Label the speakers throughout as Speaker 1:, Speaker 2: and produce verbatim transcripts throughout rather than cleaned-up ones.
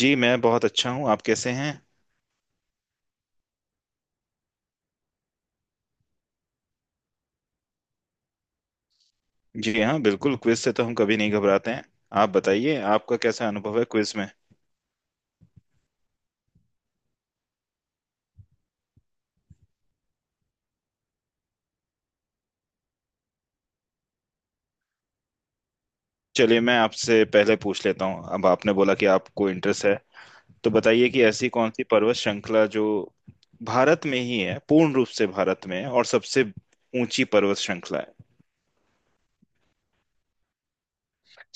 Speaker 1: जी मैं बहुत अच्छा हूँ। आप कैसे हैं? जी हाँ, बिल्कुल। क्विज से तो हम कभी नहीं घबराते हैं। आप बताइए, आपका कैसा अनुभव है क्विज में? चलिए, मैं आपसे पहले पूछ लेता हूँ। अब आपने बोला कि आपको इंटरेस्ट है। तो बताइए कि ऐसी कौन सी पर्वत श्रृंखला जो भारत में ही है, पूर्ण रूप से भारत में है, और सबसे ऊंची पर्वत श्रृंखला है?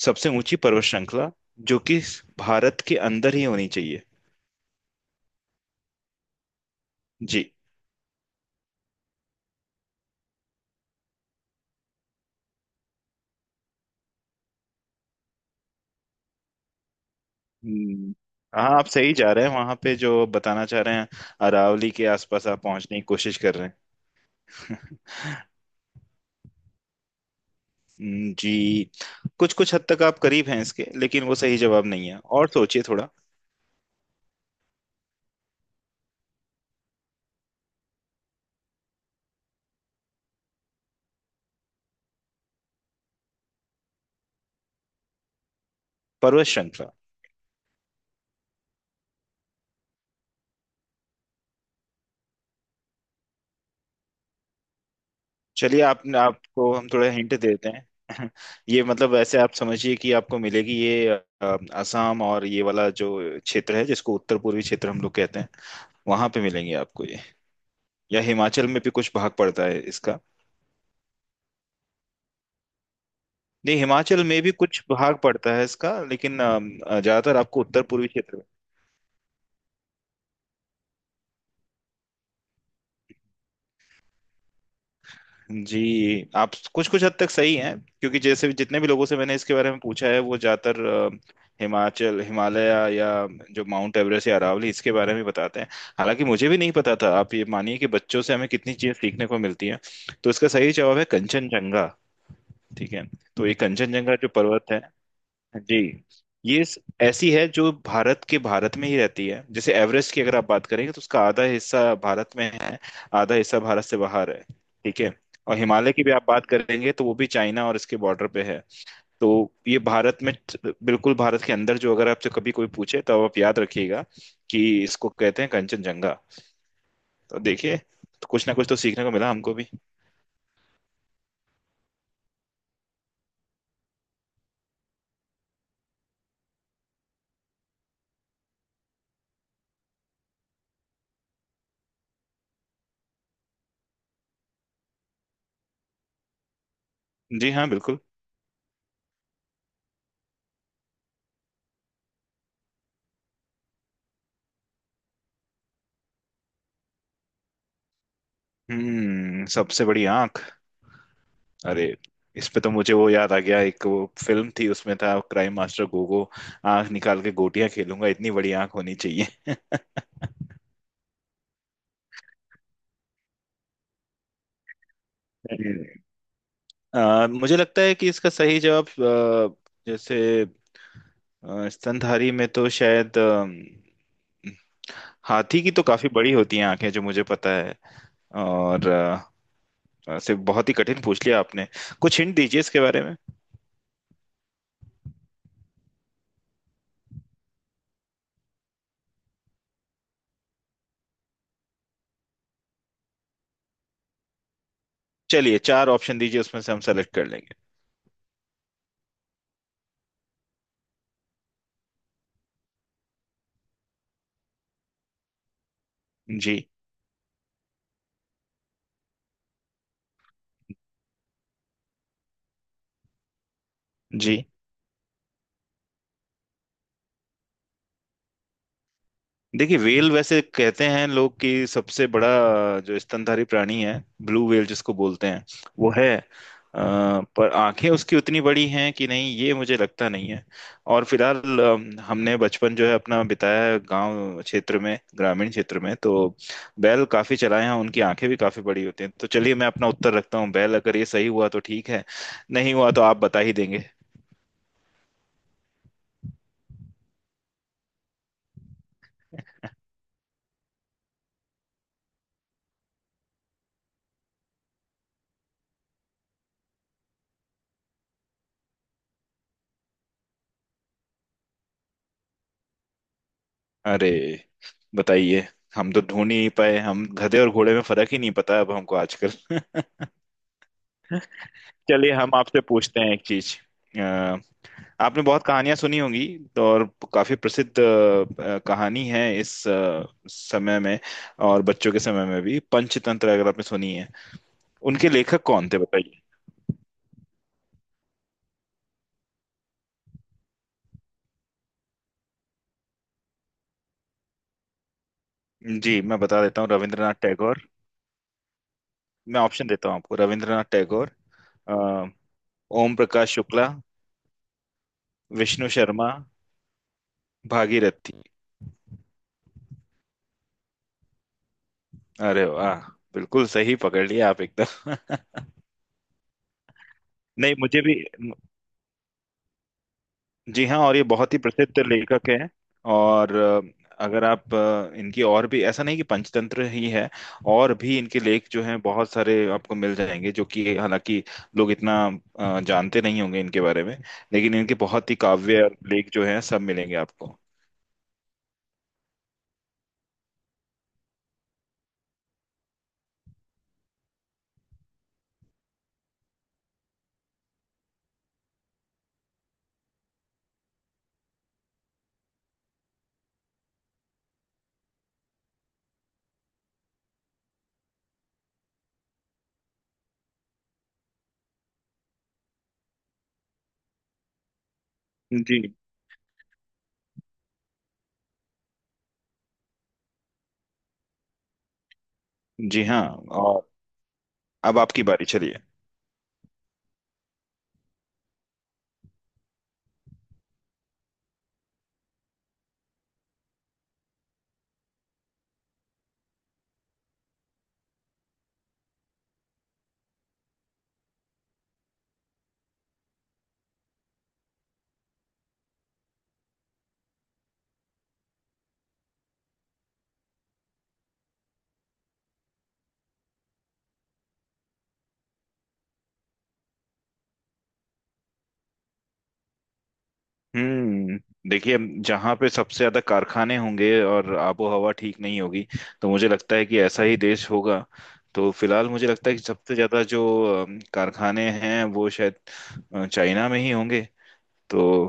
Speaker 1: सबसे ऊंची पर्वत श्रृंखला जो कि भारत के अंदर ही होनी चाहिए। जी। हम्म, हाँ, आप सही जा रहे हैं वहां पे जो बताना चाह रहे हैं। अरावली के आसपास आप पहुंचने की कोशिश कर रहे हैं। हम्म, जी। कुछ कुछ हद तक आप करीब हैं इसके, लेकिन वो सही जवाब नहीं है। और सोचिए थोड़ा। पर्वत श्रृंखला। चलिए, आप आपको हम थोड़ा हिंट देते हैं। ये मतलब ऐसे आप समझिए कि आपको मिलेगी ये। अ, असम और ये वाला जो क्षेत्र है, जिसको उत्तर पूर्वी क्षेत्र हम लोग कहते हैं, वहां पे मिलेंगे आपको ये। या हिमाचल में भी कुछ भाग पड़ता है इसका। नहीं, हिमाचल में भी कुछ भाग पड़ता है इसका, लेकिन अ, ज्यादातर आपको उत्तर पूर्वी क्षेत्र। जी। आप कुछ कुछ हद तक सही हैं, क्योंकि जैसे जितने भी लोगों से मैंने इसके बारे में पूछा है वो ज्यादातर अ, हिमाचल, हिमालय, या जो माउंट एवरेस्ट या अरावली, इसके बारे में बताते हैं। हालांकि मुझे भी नहीं पता था। आप ये मानिए कि बच्चों से हमें कितनी चीजें सीखने को मिलती हैं। तो इसका सही जवाब है कंचनजंगा। ठीक है। तो ये कंचनजंगा जो पर्वत है। जी। ये स- ऐसी है जो भारत के भारत में ही रहती है। जैसे एवरेस्ट की अगर आप बात करेंगे तो उसका आधा हिस्सा भारत में है। आधा हिस्सा भारत से बाहर है। ठीक है। और हिमालय की भी आप बात करेंगे तो वो भी चाइना और इसके बॉर्डर पे है। तो ये भारत में, बिल्कुल भारत के अंदर जो, अगर आपसे कभी कोई पूछे तो आप याद रखिएगा कि इसको कहते हैं कंचनजंगा। तो देखिए, तो कुछ ना कुछ तो सीखने को मिला हमको भी। जी हाँ, बिल्कुल। हम्म सबसे बड़ी आंख। अरे, इस पे तो मुझे वो याद आ गया। एक वो फिल्म थी उसमें था क्राइम मास्टर गोगो। आंख निकाल के गोटियां खेलूंगा, इतनी बड़ी आंख होनी चाहिए। अ, मुझे लगता है कि इसका सही जवाब, अ, जैसे, अ, स्तनधारी में तो शायद, अ, हाथी की तो काफी बड़ी होती हैं आंखें जो मुझे पता है। और अ, ऐसे बहुत ही कठिन पूछ लिया आपने। कुछ हिंट दीजिए इसके बारे में। चलिए, चार ऑप्शन दीजिए, उसमें से हम सेलेक्ट कर लेंगे। जी। जी। देखिए, व्हेल वैसे कहते हैं लोग कि सबसे बड़ा जो स्तनधारी प्राणी है, ब्लू व्हेल जिसको बोलते हैं, वो है। अ, पर आंखें उसकी उतनी बड़ी हैं कि नहीं, ये मुझे लगता नहीं है। और फिलहाल, अ, हमने बचपन जो है अपना बिताया है गांव क्षेत्र में, ग्रामीण क्षेत्र में, तो बैल काफी चलाए हैं, उनकी आंखें भी काफी बड़ी होती हैं। तो चलिए, मैं अपना उत्तर रखता हूँ बैल। अगर ये सही हुआ तो ठीक है, नहीं हुआ तो आप बता ही देंगे। अरे, बताइए। हम तो ढूंढ ही नहीं पाए, हम गधे और घोड़े में फर्क ही नहीं पता अब हमको आजकल। चलिए, हम आपसे पूछते हैं एक चीज। अ, आपने बहुत कहानियां सुनी होंगी तो। और काफी प्रसिद्ध अ, अ, कहानी है इस अ, समय में और बच्चों के समय में भी, पंचतंत्र अगर आपने सुनी है। उनके लेखक कौन थे बताइए? जी, मैं बता देता हूँ, रविंद्रनाथ टैगोर। मैं ऑप्शन देता हूँ आपको, रविंद्रनाथ टैगोर, अ, ओम प्रकाश शुक्ला, विष्णु शर्मा, भागीरथी। अरे वाह! बिल्कुल सही पकड़ लिया आप एकदम। नहीं, मुझे भी। जी हाँ, और ये बहुत ही प्रसिद्ध लेखक हैं। और अ, अगर आप अ, इनकी, और भी, ऐसा नहीं कि पंचतंत्र ही है, और भी इनके लेख जो हैं बहुत सारे आपको मिल जाएंगे, जो कि हालांकि लोग इतना अ, जानते नहीं होंगे इनके बारे में, लेकिन इनके बहुत ही काव्य और लेख जो हैं सब मिलेंगे आपको। जी जी हाँ, और अब आपकी बारी। चलिए। हम्म देखिए, जहाँ पे सबसे ज्यादा कारखाने होंगे और आबो हवा ठीक नहीं होगी, तो मुझे लगता है कि ऐसा ही देश होगा। तो फिलहाल मुझे लगता है कि सबसे ज्यादा जो अम, कारखाने हैं, वो शायद अ, चाइना में ही होंगे। तो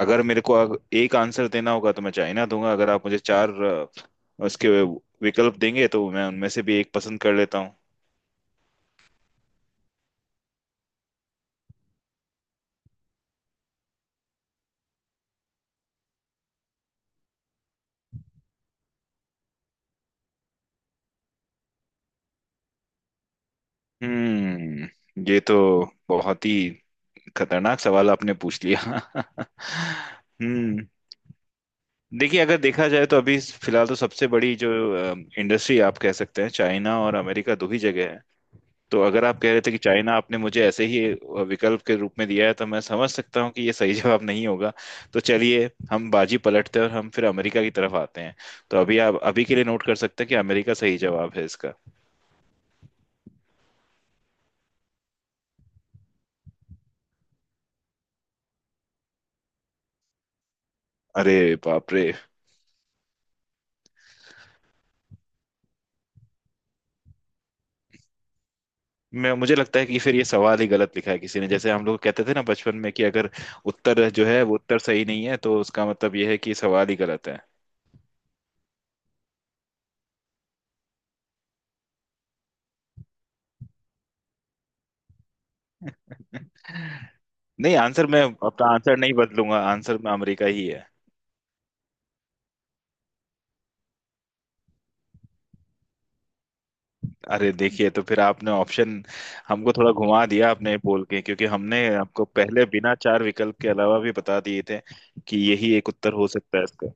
Speaker 1: अगर मेरे को अग- एक आंसर देना होगा तो मैं चाइना दूंगा। अगर आप मुझे चार अ, उसके विकल्प देंगे तो मैं उनमें से भी एक पसंद कर लेता हूँ। हम्म ये तो बहुत ही खतरनाक सवाल आपने पूछ लिया। हम्म देखिए, अगर देखा जाए तो अभी फिलहाल तो सबसे बड़ी जो इंडस्ट्री आप कह सकते हैं, चाइना और अमेरिका, दो ही जगह है। तो अगर आप कह रहे थे कि चाइना आपने मुझे ऐसे ही विकल्प के रूप में दिया है, तो मैं समझ सकता हूँ कि ये सही जवाब नहीं होगा। तो चलिए, हम बाजी पलटते हैं और हम फिर अमेरिका की तरफ आते हैं। तो अभी, आप अभी के लिए नोट कर सकते हैं कि अमेरिका सही जवाब है इसका। अरे, बाप रे। मैं मुझे लगता है कि फिर ये सवाल ही गलत लिखा है किसी ने, जैसे हम लोग कहते थे ना बचपन में, कि अगर उत्तर जो है वो उत्तर सही नहीं है, तो उसका मतलब ये है कि सवाल ही गलत है। नहीं, आंसर मैं अपना आंसर नहीं बदलूंगा। आंसर में अमेरिका ही है। अरे देखिए, तो फिर आपने ऑप्शन हमको थोड़ा घुमा दिया आपने बोल के, क्योंकि हमने आपको पहले बिना चार विकल्प के, अलावा भी बता दिए थे कि यही एक उत्तर हो सकता है।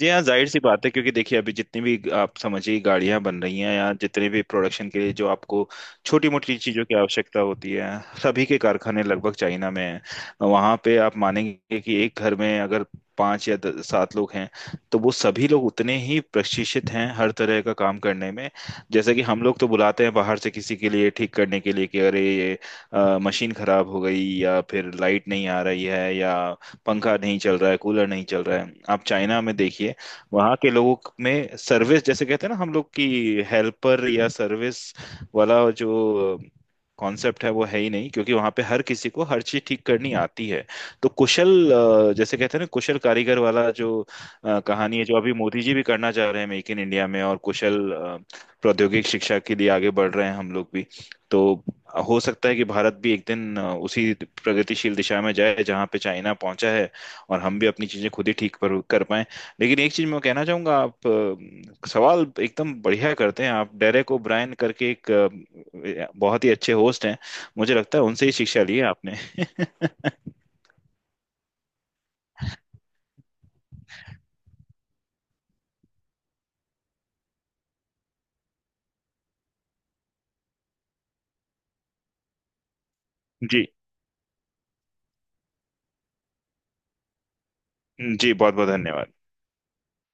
Speaker 1: जी हाँ, जाहिर सी बात है, क्योंकि देखिए अभी जितनी भी आप समझिए गाड़ियां बन रही हैं, या जितने भी प्रोडक्शन के लिए जो आपको छोटी मोटी चीजों की आवश्यकता होती है, सभी के कारखाने लगभग चाइना में हैं। वहां पे आप मानेंगे कि एक घर में अगर पांच या द- सात लोग हैं, तो वो सभी लोग उतने ही प्रशिक्षित हैं हर तरह का काम करने में। जैसे कि हम लोग तो बुलाते हैं बाहर से किसी के लिए ठीक करने के लिए कि अरे ये अ, मशीन खराब हो गई, या फिर लाइट नहीं आ रही है, या पंखा नहीं चल रहा है, कूलर नहीं चल रहा है। आप चाइना में देखिए, वहाँ के लोगों में सर्विस, जैसे कहते हैं ना हम लोग की, हेल्पर या सर्विस वाला जो कॉन्सेप्ट है, वो है ही नहीं, क्योंकि वहां पे हर किसी को हर चीज ठीक करनी आती है। तो कुशल, अ, जैसे कहते हैं ना कुशल कारीगर वाला जो अ, कहानी है, जो अभी मोदी जी भी करना चाह रहे हैं मेक इन इंडिया में, और कुशल अ, प्रौद्योगिक शिक्षा के लिए आगे बढ़ रहे हैं हम लोग भी। तो हो सकता है कि भारत भी एक दिन अ, उसी प्रगतिशील दिशा में जाए जहां पे चाइना पहुंचा है, और हम भी अपनी चीजें खुद ही ठीक पर कर पाए। लेकिन एक चीज मैं कहना चाहूंगा, आप अ, सवाल एकदम बढ़िया करते हैं। आप डेरेक ओब्रायन करके एक अ, बहुत ही अच्छे होस्ट हैं। मुझे लगता है उनसे ही शिक्षा ली है आपने। जी। जी, बहुत बहुत धन्यवाद।